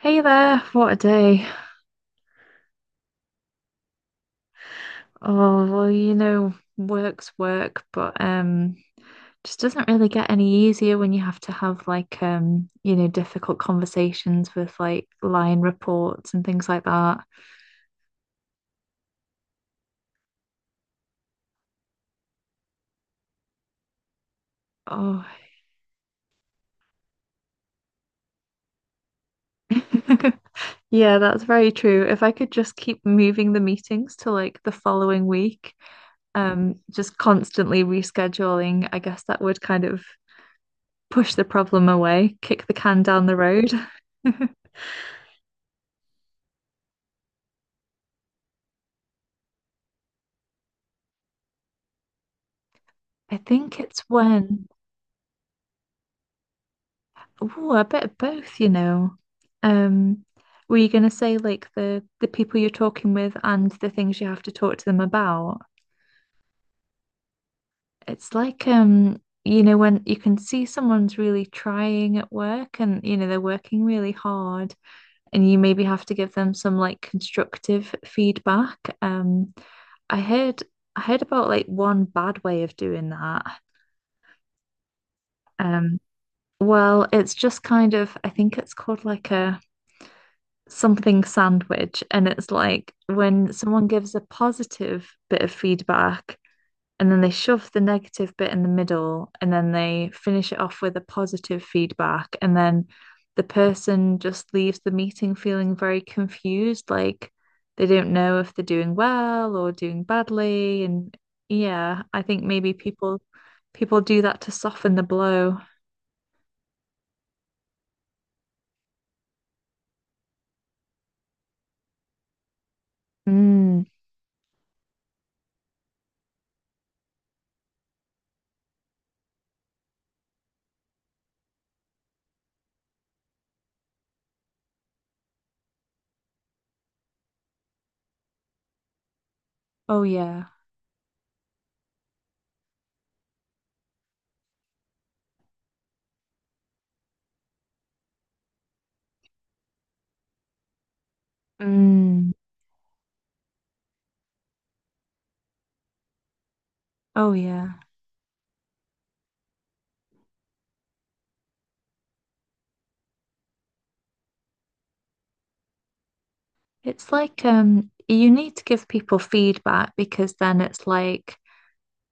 Hey there, what a day. Oh, well, you know, work's work, but just doesn't really get any easier when you have to have like you know, difficult conversations with like line reports and things like that. Oh. Yeah, that's very true. If I could just keep moving the meetings to like the following week, just constantly rescheduling, I guess that would kind of push the problem away, kick the can down the road. I think it's when, oh, a bit of both, you know. Um, were you going to say like the people you're talking with and the things you have to talk to them about? It's like you know, when you can see someone's really trying at work and you know they're working really hard and you maybe have to give them some like constructive feedback. I heard I heard about like one bad way of doing that. Um, well, it's just kind of I think it's called like a something sandwich, and it's like when someone gives a positive bit of feedback and then they shove the negative bit in the middle and then they finish it off with a positive feedback, and then the person just leaves the meeting feeling very confused, like they don't know if they're doing well or doing badly. And yeah, I think maybe people do that to soften the blow. Mm. Oh yeah. Mm. Oh yeah. It's like you need to give people feedback because then it's like,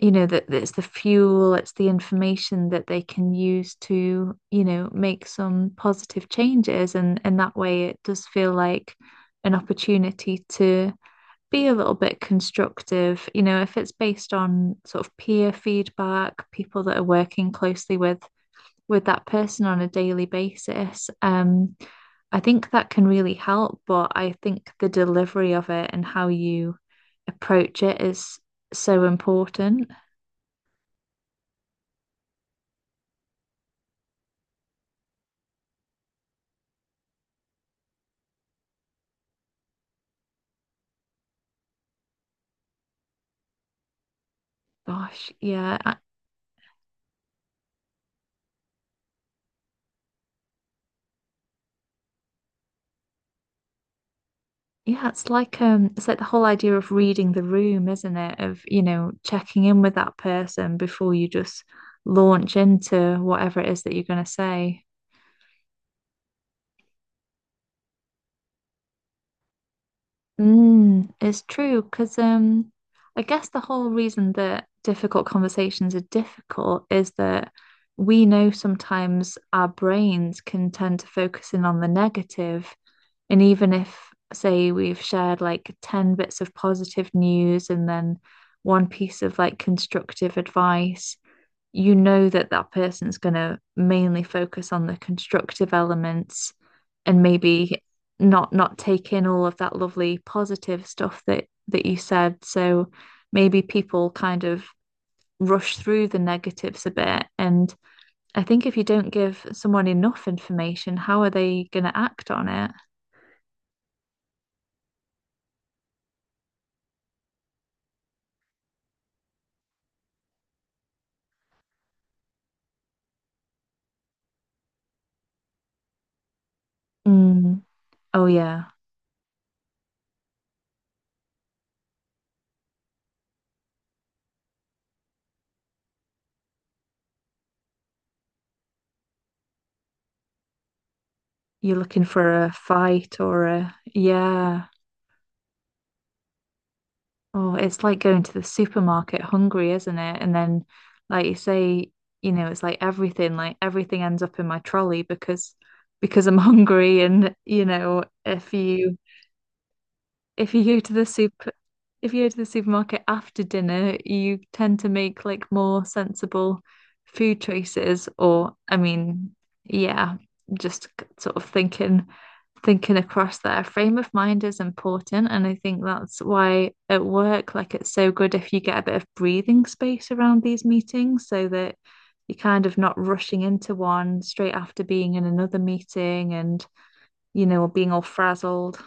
you know, that it's the fuel, it's the information that they can use to, you know, make some positive changes, and in that way it does feel like an opportunity to be a little bit constructive. You know, if it's based on sort of peer feedback, people that are working closely with that person on a daily basis, I think that can really help. But I think the delivery of it and how you approach it is so important. Gosh, yeah. I- yeah, it's like the whole idea of reading the room, isn't it? Of, you know, checking in with that person before you just launch into whatever it is that you're going to say. Mm, it's true because I guess the whole reason that difficult conversations are difficult is that we know sometimes our brains can tend to focus in on the negative, and even if, say, we've shared like 10 bits of positive news and then one piece of like constructive advice, you know that that person's going to mainly focus on the constructive elements, and maybe not take in all of that lovely positive stuff that you said. So maybe people kind of rush through the negatives a bit. And I think if you don't give someone enough information, how are they going to act on it? Mm. Oh yeah. You're looking for a fight or a yeah. Oh, it's like going to the supermarket hungry, isn't it? And then, like you say, you know, it's like everything ends up in my trolley because I'm hungry. And you know, if you go to the super if you go to the supermarket after dinner, you tend to make like more sensible food choices. Or I mean, yeah, just c- sort of thinking across there. Frame of mind is important, and I think that's why at work like it's so good if you get a bit of breathing space around these meetings, so that you're kind of not rushing into one straight after being in another meeting and, you know, being all frazzled.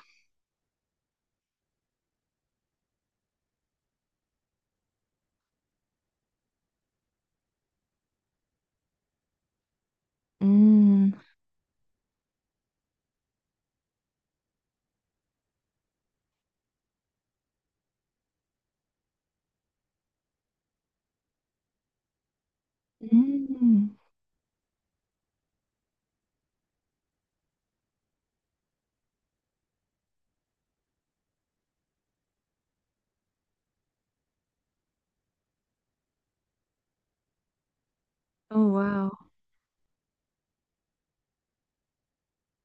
Mm. Mm. Oh wow.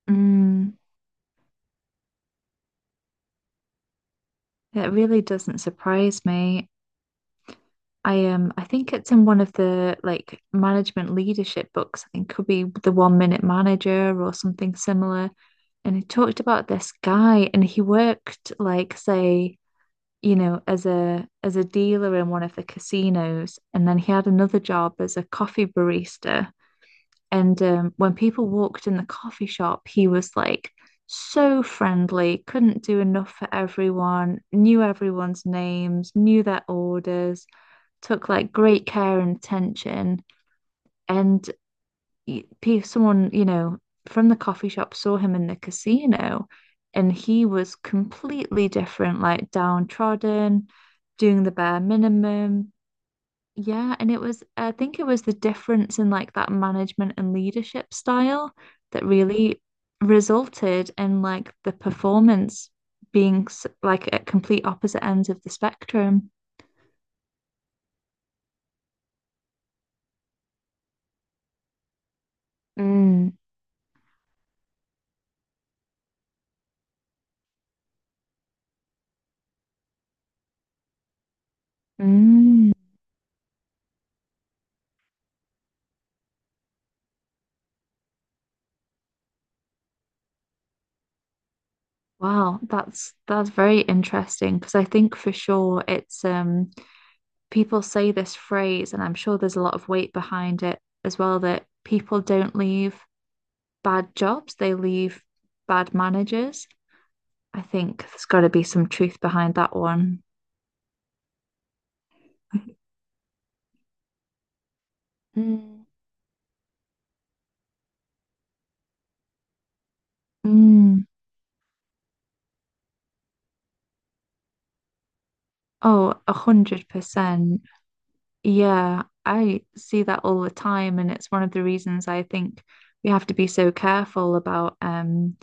Mm. That really doesn't surprise me. I I think it's in one of the like management leadership books. I think could be the One Minute Manager or something similar. And he talked about this guy, and he worked like say, you know, as a dealer in one of the casinos, and then he had another job as a coffee barista. And when people walked in the coffee shop, he was like so friendly, couldn't do enough for everyone, knew everyone's names, knew their orders, took like great care and attention. And y- pe- someone, you know, from the coffee shop saw him in the casino, and he was completely different, like downtrodden, doing the bare minimum. Yeah, and it was, I think it was the difference in like that management and leadership style that really resulted in like the performance being s- like at complete opposite ends of the spectrum. Mm, mm. Wow, that's very interesting, because I think for sure it's people say this phrase, and I'm sure there's a lot of weight behind it as well, that people don't leave bad jobs, they leave bad managers. I think there's got to be some truth behind that one. Mm. Mm. Oh, 100%. Yeah, I see that all the time, and it's one of the reasons I think we have to be so careful about,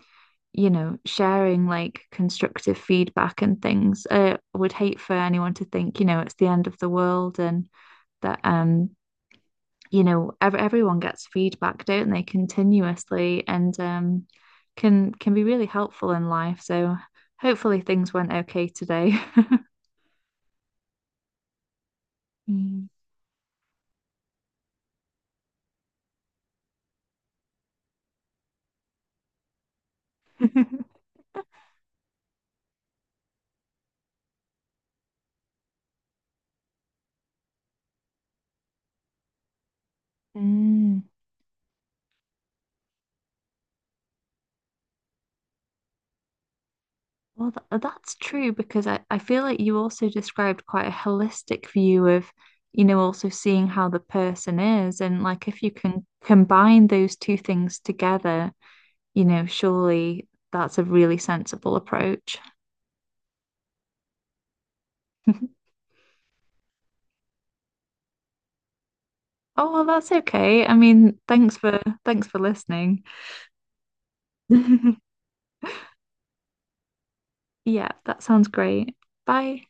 you know, sharing like constructive feedback and things. I would hate for anyone to think, you know, it's the end of the world. And that you know, ev everyone gets feedback, don't they, continuously, and can be really helpful in life. So hopefully things went okay today. Mm. Mm. Well, th that's true, because I feel like you also described quite a holistic view of, you know, also seeing how the person is. And like if you can combine those two things together, you know, surely that's a really sensible approach. Oh, well, that's okay. I mean, thanks for listening. Yeah, that sounds great. Bye.